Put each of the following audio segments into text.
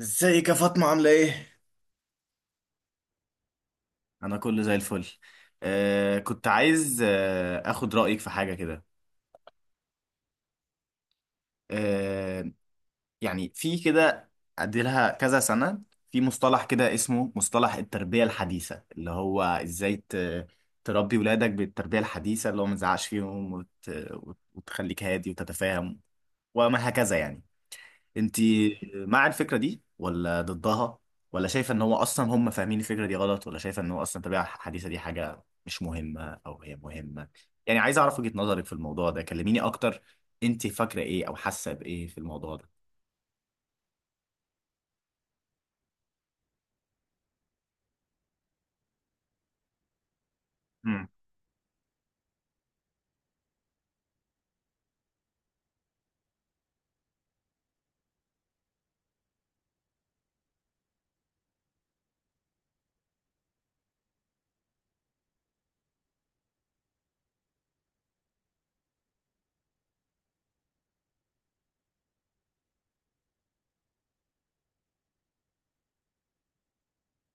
ازيك يا فاطمة؟ عاملة ايه؟ أنا كله زي الفل. كنت عايز أخد رأيك في حاجة كده. آه يعني في كده، أديلها كذا سنة، في مصطلح كده اسمه مصطلح التربية الحديثة، اللي هو إزاي تربي ولادك بالتربية الحديثة، اللي هو ما تزعقش فيهم وتخليك هادي وتتفاهم وما هكذا يعني. انت مع الفكرة دي ولا ضدها؟ ولا شايفة ان هو اصلا هم فاهمين الفكرة دي غلط، ولا شايفة ان هو اصلا الطبيعة الحديثة دي حاجة مش مهمة او هي مهمة؟ يعني عايز اعرف وجهة نظرك في الموضوع ده، كلميني اكتر. انت فاكرة ايه او حاسة بايه في الموضوع ده؟ امم.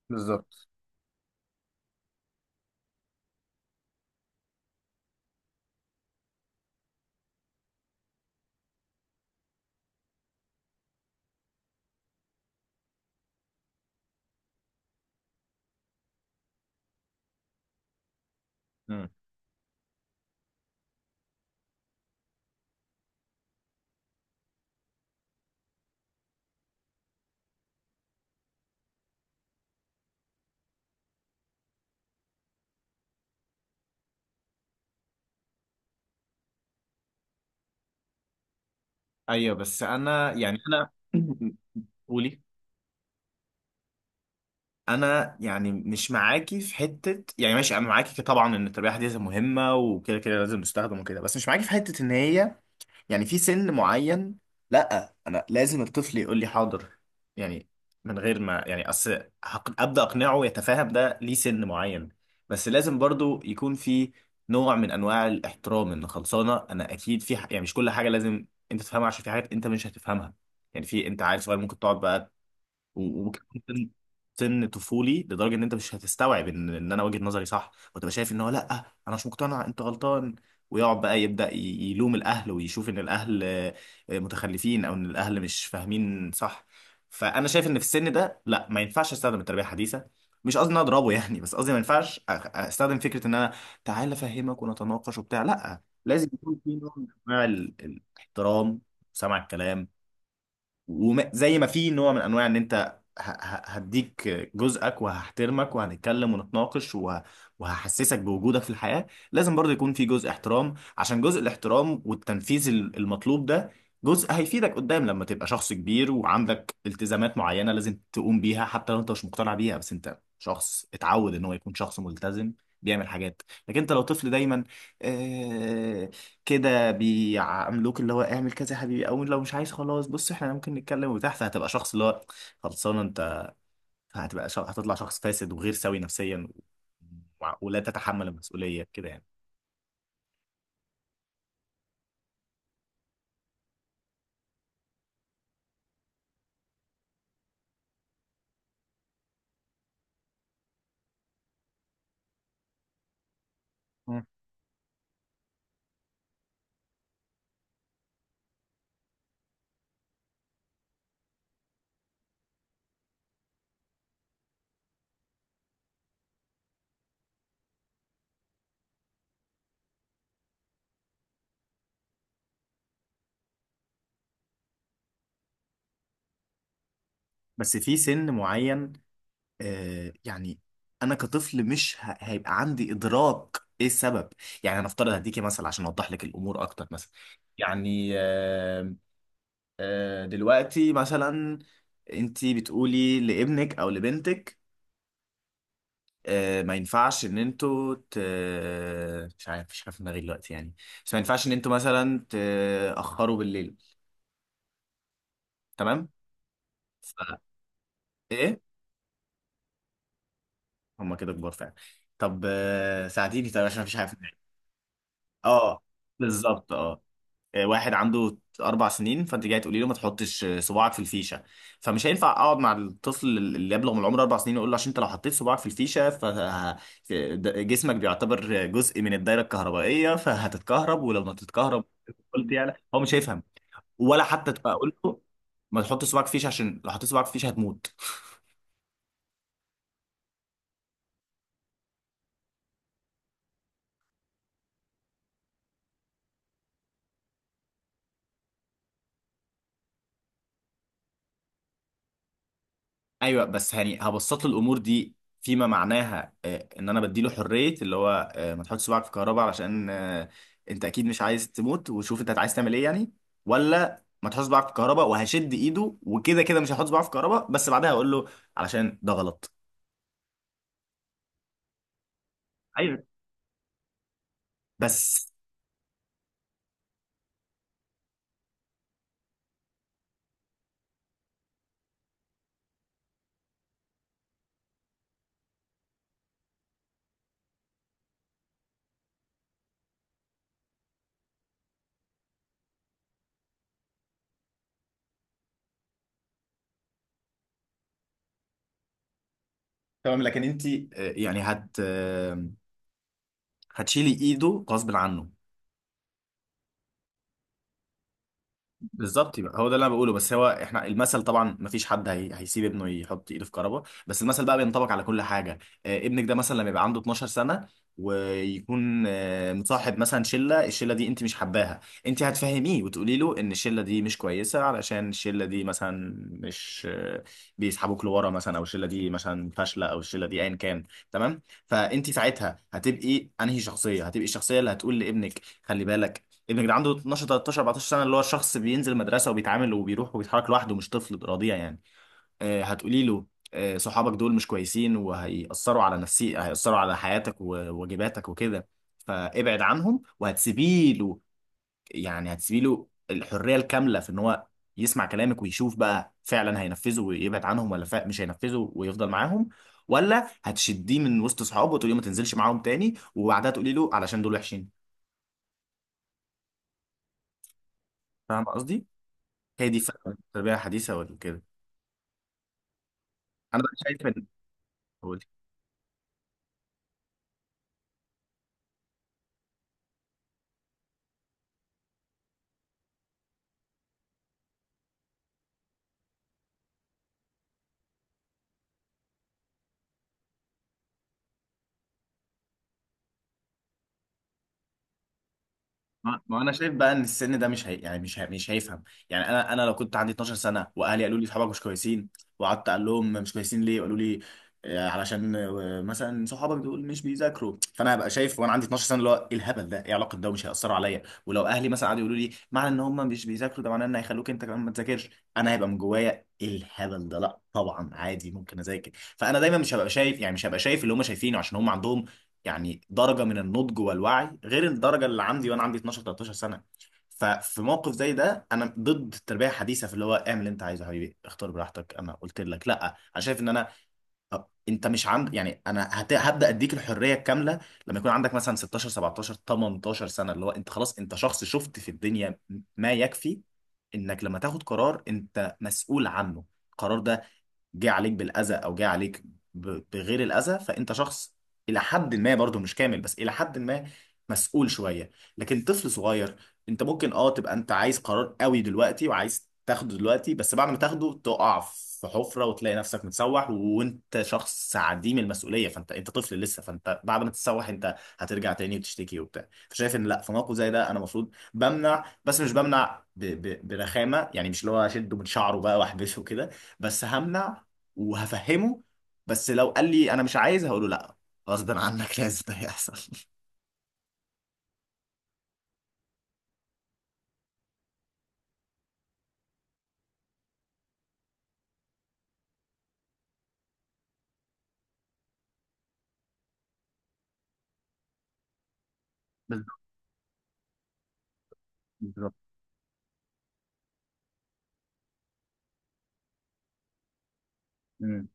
بالظبط. امم. ايوه بس انا يعني انا قولي. انا يعني مش معاكي في حته. يعني ماشي، انا معاكي طبعا ان التربيه الحديثه مهمه وكده كده لازم تستخدم وكده، بس مش معاكي في حته ان هي يعني في سن معين، لا، انا لازم الطفل يقول لي حاضر، يعني من غير ما يعني اصل ابدا اقنعه يتفاهم ده ليه. سن معين بس لازم برضو يكون في نوع من انواع الاحترام، ان خلصانه انا اكيد في يعني مش كل حاجه لازم انت تفهمها، عشان في حاجات انت مش هتفهمها. يعني في انت عيل صغير، ممكن تقعد بقى وكمان سن طفولي لدرجه ان انت مش هتستوعب ان انا وجهه نظري صح، وتبقى شايف ان هو لا انا مش مقتنع، انت غلطان، ويقعد بقى يلوم الاهل ويشوف ان الاهل متخلفين، او ان الاهل مش فاهمين صح. فانا شايف ان في السن ده لا، ما ينفعش استخدم التربيه الحديثه. مش قصدي ان أنا اضربه يعني، بس قصدي ما ينفعش استخدم فكره ان انا تعال افهمك ونتناقش وبتاع. لا، لازم يكون في نوع من انواع الاحترام وسمع الكلام. وزي ما في نوع من انواع ان انت هديك جزءك وهحترمك وهنتكلم ونتناقش وهحسسك بوجودك في الحياة، لازم برضه يكون في جزء احترام. عشان جزء الاحترام والتنفيذ المطلوب ده جزء هيفيدك قدام، لما تبقى شخص كبير وعندك التزامات معينة لازم تقوم بيها، حتى لو انت مش مقتنع بيها، بس انت شخص اتعود ان هو يكون شخص ملتزم بيعمل حاجات. لكن انت لو طفل دايما آه، كده بيعاملوك، اللي هو اعمل كذا يا حبيبي، او لو مش عايز خلاص بص احنا ممكن نتكلم وبتاع، فهتبقى شخص اللي هو خلصان انت. هتطلع شخص فاسد وغير سوي نفسيا، ولا تتحمل المسؤولية كده يعني. مم. بس في سن معين يعني انا كطفل مش ه... هيبقى عندي ادراك ايه السبب. يعني انا افترض هديكي مثلا عشان اوضح لك الامور اكتر. مثلا يعني دلوقتي مثلا انتي بتقولي لابنك او لبنتك ما ينفعش ان مش عارف، مش عارف دماغي دلوقتي يعني، بس ما ينفعش ان انتوا مثلا تأخروا بالليل، تمام؟ ف... ايه، هما كده كبار فعلا. طب ساعديني طيب عشان مفيش حاجه في دماغي. اه، بالظبط، اه. واحد عنده اربع سنين، فانت جاي تقولي له ما تحطش صباعك في الفيشه، فمش هينفع اقعد مع الطفل اللي يبلغ من العمر اربع سنين واقول له عشان انت لو حطيت صباعك في الفيشه فجسمك بيعتبر جزء من الدايره الكهربائيه فهتتكهرب ولو ما تتكهرب، قلت يعني هو مش هيفهم. ولا حتى تبقى اقول له ما تحطش صباعك في الفيشه عشان لو حطيت صباعك في الفيشه هتموت. ايوه بس يعني هبسط له الامور دي فيما معناها ان انا بديله حريه، اللي هو ما تحطش صباعك في كهرباء علشان انت اكيد مش عايز تموت وشوف انت عايز تعمل ايه يعني. ولا ما تحطش صباعك في كهرباء وهشد ايده وكده كده مش هحط صباعي في كهرباء، بس بعدها هقول له علشان ده غلط. ايوه بس. تمام، لكن انت يعني هت آه، هتشيلي ايده غصب عنه. بالظبط، يبقى هو ده اللي انا بقوله. بس هو احنا المثل طبعا ما فيش حد هيسيب ابنه يحط ايده في كربه، بس المثل بقى بينطبق على كل حاجه. آه، ابنك ده مثلا لما يبقى عنده 12 سنه، ويكون آه مصاحب مثلا شله، الشله دي انت مش حباها، انت هتفهميه وتقولي له ان الشله دي مش كويسه، علشان الشله دي مثلا مش آه بيسحبوك لورا مثلا، او الشله دي مثلا فاشله، او الشله دي ايا كان، تمام؟ فانت ساعتها هتبقي انهي شخصيه؟ هتبقي الشخصيه اللي هتقول لابنك خلي بالك؟ ابنك ده عنده 12 13 14 سنه، اللي هو شخص بينزل مدرسه وبيتعامل وبيروح وبيتحرك لوحده، مش طفل رضيع يعني. آه هتقولي له آه صحابك دول مش كويسين وهيأثروا على نفسي، هيأثروا على حياتك وواجباتك وكده، فابعد عنهم. وهتسيبي له يعني هتسيبي له الحريه الكامله في ان هو يسمع كلامك ويشوف بقى فعلا هينفذه ويبعد عنهم، ولا مش هينفذه ويفضل معاهم؟ ولا هتشديه من وسط صحابه وتقولي له ما تنزلش معاهم تاني، وبعدها تقولي له علشان دول وحشين؟ فاهم قصدي؟ هي دي فعلا التربية الحديثة ولا كده؟ انا بقى شايف ان قولي. ما انا شايف بقى ان السن ده مش هي... يعني مش هي... مش هيفهم. يعني انا لو كنت عندي 12 سنة واهلي قالوا لي صحابك مش كويسين، وقعدت اقول لهم مش كويسين ليه، قالوا لي علشان مثلا صحابك دول مش بيذاكروا، فانا هبقى شايف وانا عندي 12 سنه اللي هو ايه الهبل ده، ايه علاقه ده، ومش هيأثروا عليا. ولو اهلي مثلا قعدوا يقولوا لي معنى ان هم مش بيذاكروا ده معناه ان هيخلوك انت كمان ما تذاكرش، انا هيبقى من جوايا ايه الهبل ده، لا طبعا عادي ممكن اذاكر. فانا دايما مش هبقى شايف يعني مش هبقى شايف اللي هم شايفينه، عشان هم عندهم يعني درجه من النضج والوعي غير الدرجه اللي عندي وانا عندي 12 13 سنه. ففي موقف زي ده انا ضد التربيه الحديثه في اللي هو اعمل اللي انت عايزه يا حبيبي اختار براحتك. انا قلت لك لا، انا شايف ان انا أه، انت مش عند يعني انا هبدا اديك الحريه الكامله لما يكون عندك مثلا 16 17 18 سنه، اللي هو انت خلاص انت شخص شفت في الدنيا ما يكفي، انك لما تاخد قرار انت مسؤول عنه. القرار ده جه عليك بالاذى او جه عليك بغير الاذى، فانت شخص الى حد ما برضه مش كامل، بس الى حد ما مسؤول شويه. لكن طفل صغير، انت ممكن اه تبقى انت عايز قرار قوي دلوقتي وعايز تاخده دلوقتي، بس بعد ما تاخده تقع في حفره وتلاقي نفسك متسوح، وانت شخص عديم المسؤوليه، فانت انت طفل لسه، فانت بعد ما تتسوح انت هترجع تاني وتشتكي وبتاع. فشايف ان لا، في موقف زي ده انا المفروض بمنع، بس مش بمنع ب برخامه يعني، مش اللي هو اشده من شعره بقى واحبسه كده، بس همنع وهفهمه. بس لو قال لي انا مش عايز هقول له لا، غصب عنك لازم ده يحصل. بالظبط، بالظبط. مم.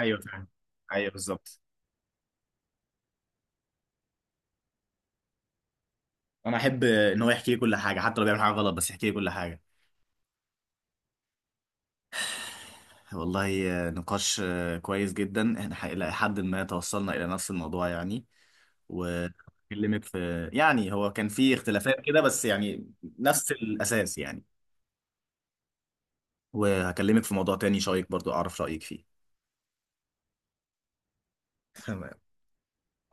ايوه فاهم، ايوه بالظبط. انا احب ان هو يحكي لي كل حاجه، حتى لو بيعمل حاجه غلط، بس يحكي لي كل حاجه. والله نقاش كويس جدا. احنا الى حد ما توصلنا الى نفس الموضوع يعني، واكلمك في يعني هو كان في اختلافات كده بس يعني نفس الاساس يعني. وهكلمك في موضوع تاني شايك برضو اعرف رايك فيه. تمام.